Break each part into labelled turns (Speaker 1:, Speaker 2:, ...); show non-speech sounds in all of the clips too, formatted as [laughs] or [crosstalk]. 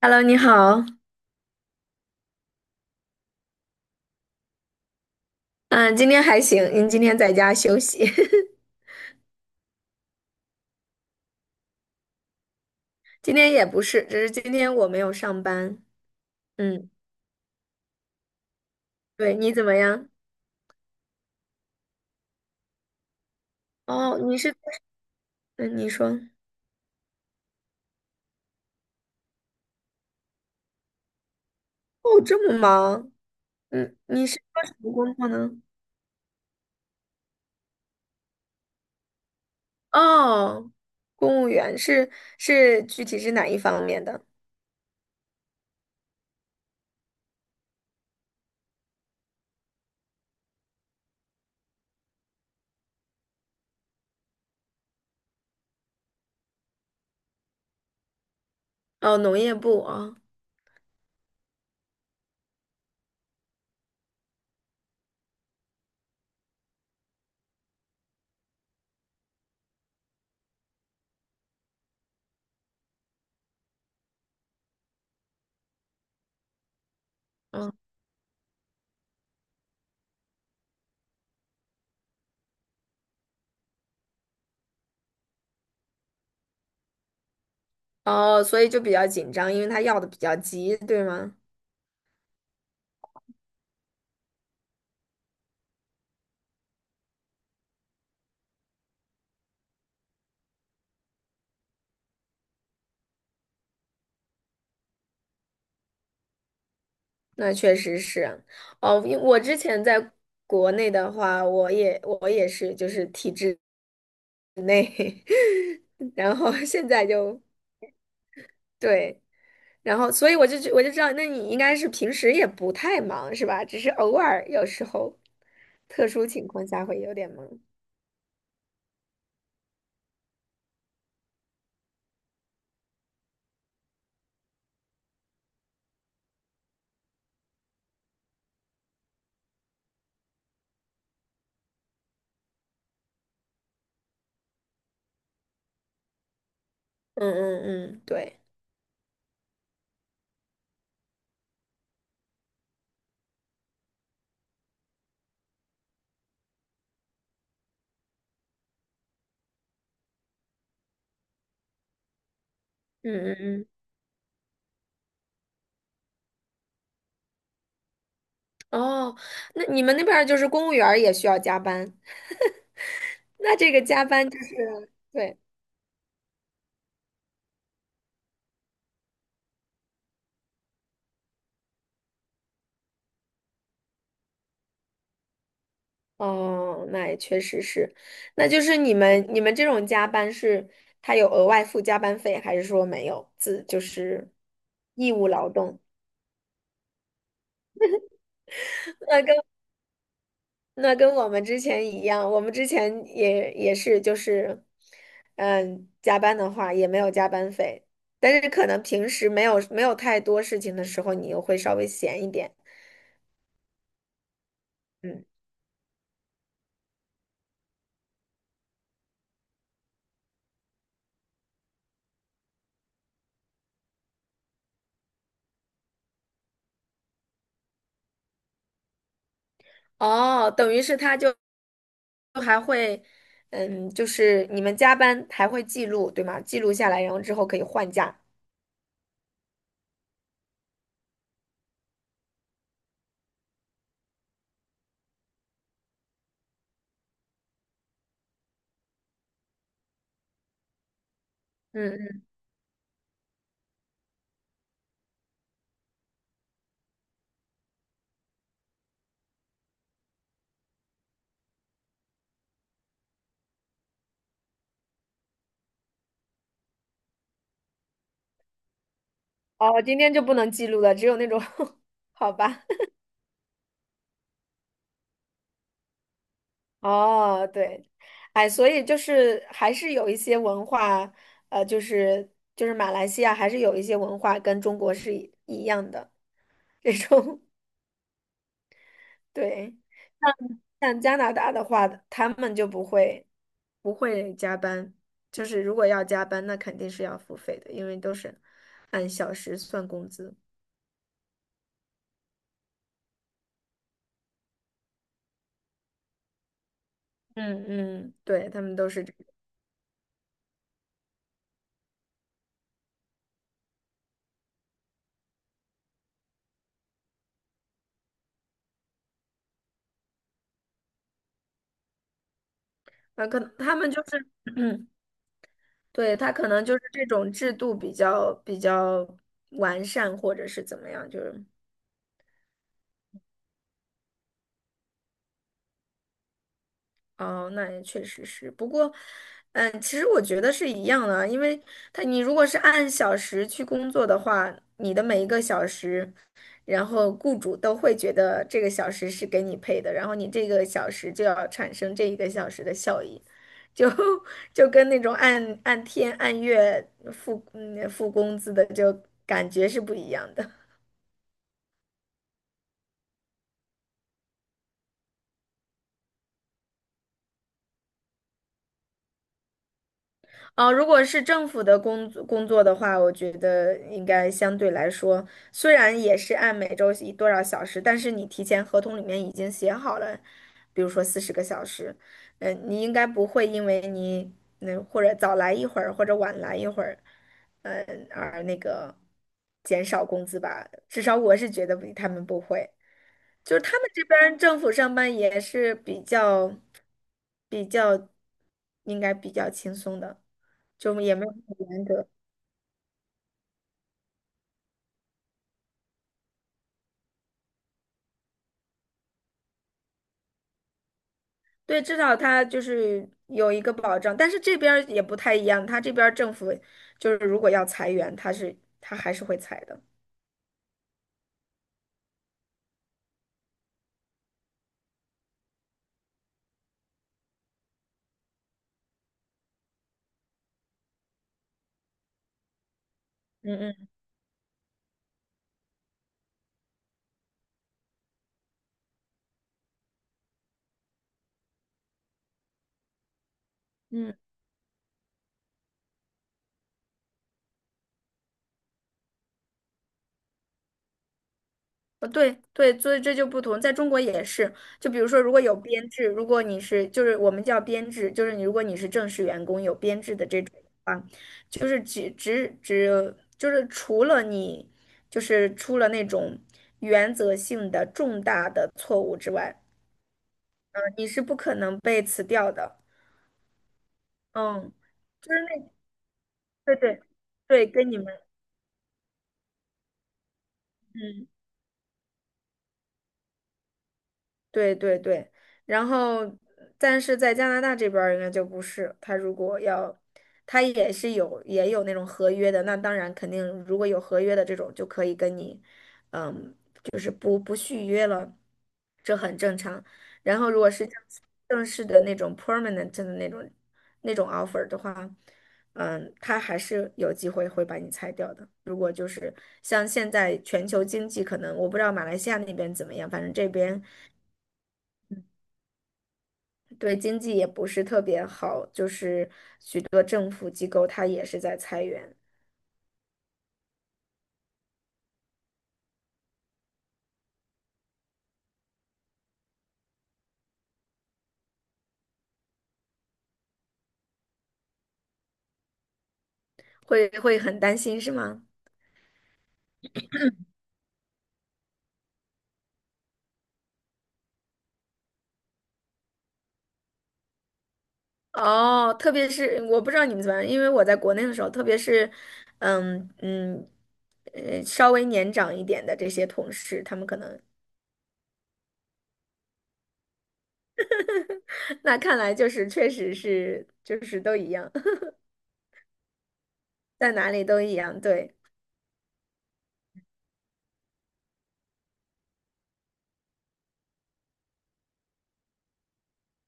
Speaker 1: Hello，你好。嗯，今天还行，您今天在家休息。[laughs] 今天也不是，只是今天我没有上班。嗯，对，你怎么样？哦，你是，嗯，你说，哦，这么忙，你是做什么工作呢？哦，公务员是是具体是哪一方面的？哦，农业部啊，哦，嗯哦，所以就比较紧张，因为他要的比较急，对吗？那确实是，哦，因我之前在国内的话，我也是就是体制内，[laughs] 然后现在就对，然后所以我就知道，那你应该是平时也不太忙是吧？只是偶尔有时候特殊情况下会有点忙。嗯嗯嗯，对，嗯嗯嗯，哦，那你们那边儿就是公务员儿也需要加班，那这个加班就是对。哦，那也确实是，那就是你们这种加班是他有额外付加班费，还是说没有自就是义务劳动？那跟那跟我们之前一样，我们之前也是就是加班的话也没有加班费，但是可能平时没有太多事情的时候，你又会稍微闲一点。嗯，哦，等于是他就还会，就是你们加班还会记录，对吗？记录下来，然后之后可以换假。嗯嗯，哦，今天就不能记录了，只有那种，[laughs] 好吧？哦，对，哎，所以就是还是有一些文化，呃，就是就是马来西亚还是有一些文化跟中国是一样的这种，[laughs] 对。像加拿大的话，他们就不会加班，就是如果要加班，那肯定是要付费的，因为都是按小时算工资。嗯嗯，对，他们都是这，啊，可能他们就是，[clears throat] 对，他可能就是这种制度比较完善，或者是怎么样，就是。哦，那也确实是。不过，其实我觉得是一样的啊，因为他你如果是按小时去工作的话，你的每一个小时，然后雇主都会觉得这个小时是给你配的，然后你这个小时就要产生这一个小时的效益，就 [laughs] 就跟那种按天按月付工资的就感觉是不一样的。哦，如果是政府的工作的话，我觉得应该相对来说，虽然也是按每周一多少小时，但是你提前合同里面已经写好了，比如说40个小时，你应该不会因为你那或者早来一会儿或者晚来一会儿，而那个减少工资吧？至少我是觉得不他们不会。就是他们这边儿政府上班也是比较应该比较轻松的，就也没有很严格。对，至少他就是有一个保障，但是这边儿也不太一样，他这边儿政府就是如果要裁员，他是他还是会裁的。嗯嗯嗯。对对，所以这就不同，在中国也是。就比如说，如果有编制，如果你是就是我们叫编制，就是你如果你是正式员工有编制的这种啊，就是只就是除了你就是出了那种原则性的重大的错误之外，你是不可能被辞掉的。嗯，就是那对对对，跟你们。嗯。对对对，然后但是在加拿大这边儿应该就不是，他如果要，他也有那种合约的，那当然肯定如果有合约的这种就可以跟你，嗯，不续约了，这很正常。然后如果是正式的那种 permanent 的那种 offer 的话，嗯，他还是有机会会把你裁掉的。如果就是像现在全球经济可能，我不知道马来西亚那边怎么样，反正这边。对经济也不是特别好，就是许多政府机构它也是在裁员，会很担心是吗？哦，特别是我不知道你们怎么样，因为我在国内的时候，特别是，嗯嗯，稍微年长一点的这些同事，他们可能 [laughs] 那看来就是确实是就是都一样，[laughs] 在哪里都一样，对，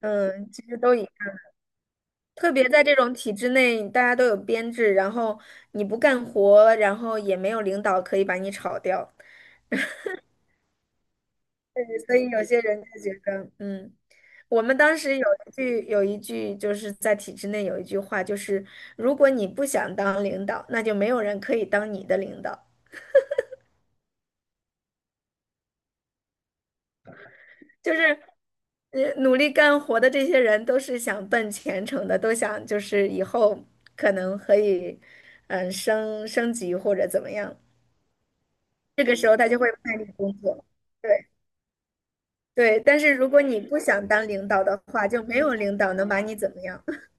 Speaker 1: 嗯，其实都一样特别在这种体制内，大家都有编制，然后你不干活，然后也没有领导可以把你炒掉。对，所以有些人就觉得，嗯，我们当时有一句就是在体制内有一句话，就是如果你不想当领导，那就没有人可以当你的领导。就是，努力干活的这些人都是想奔前程的，都想就是以后可能可以，嗯，升级或者怎么样。这个时候他就会卖力工作。对对，但是如果你不想当领导的话，就没有领导能把你怎么样。[laughs]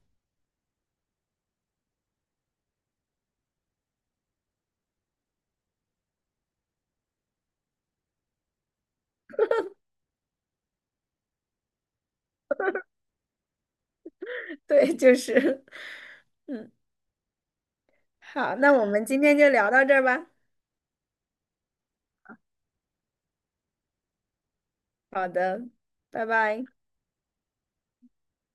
Speaker 1: 对，就是。[laughs] 嗯。好，那我们今天就聊到这儿吧。好的，拜拜。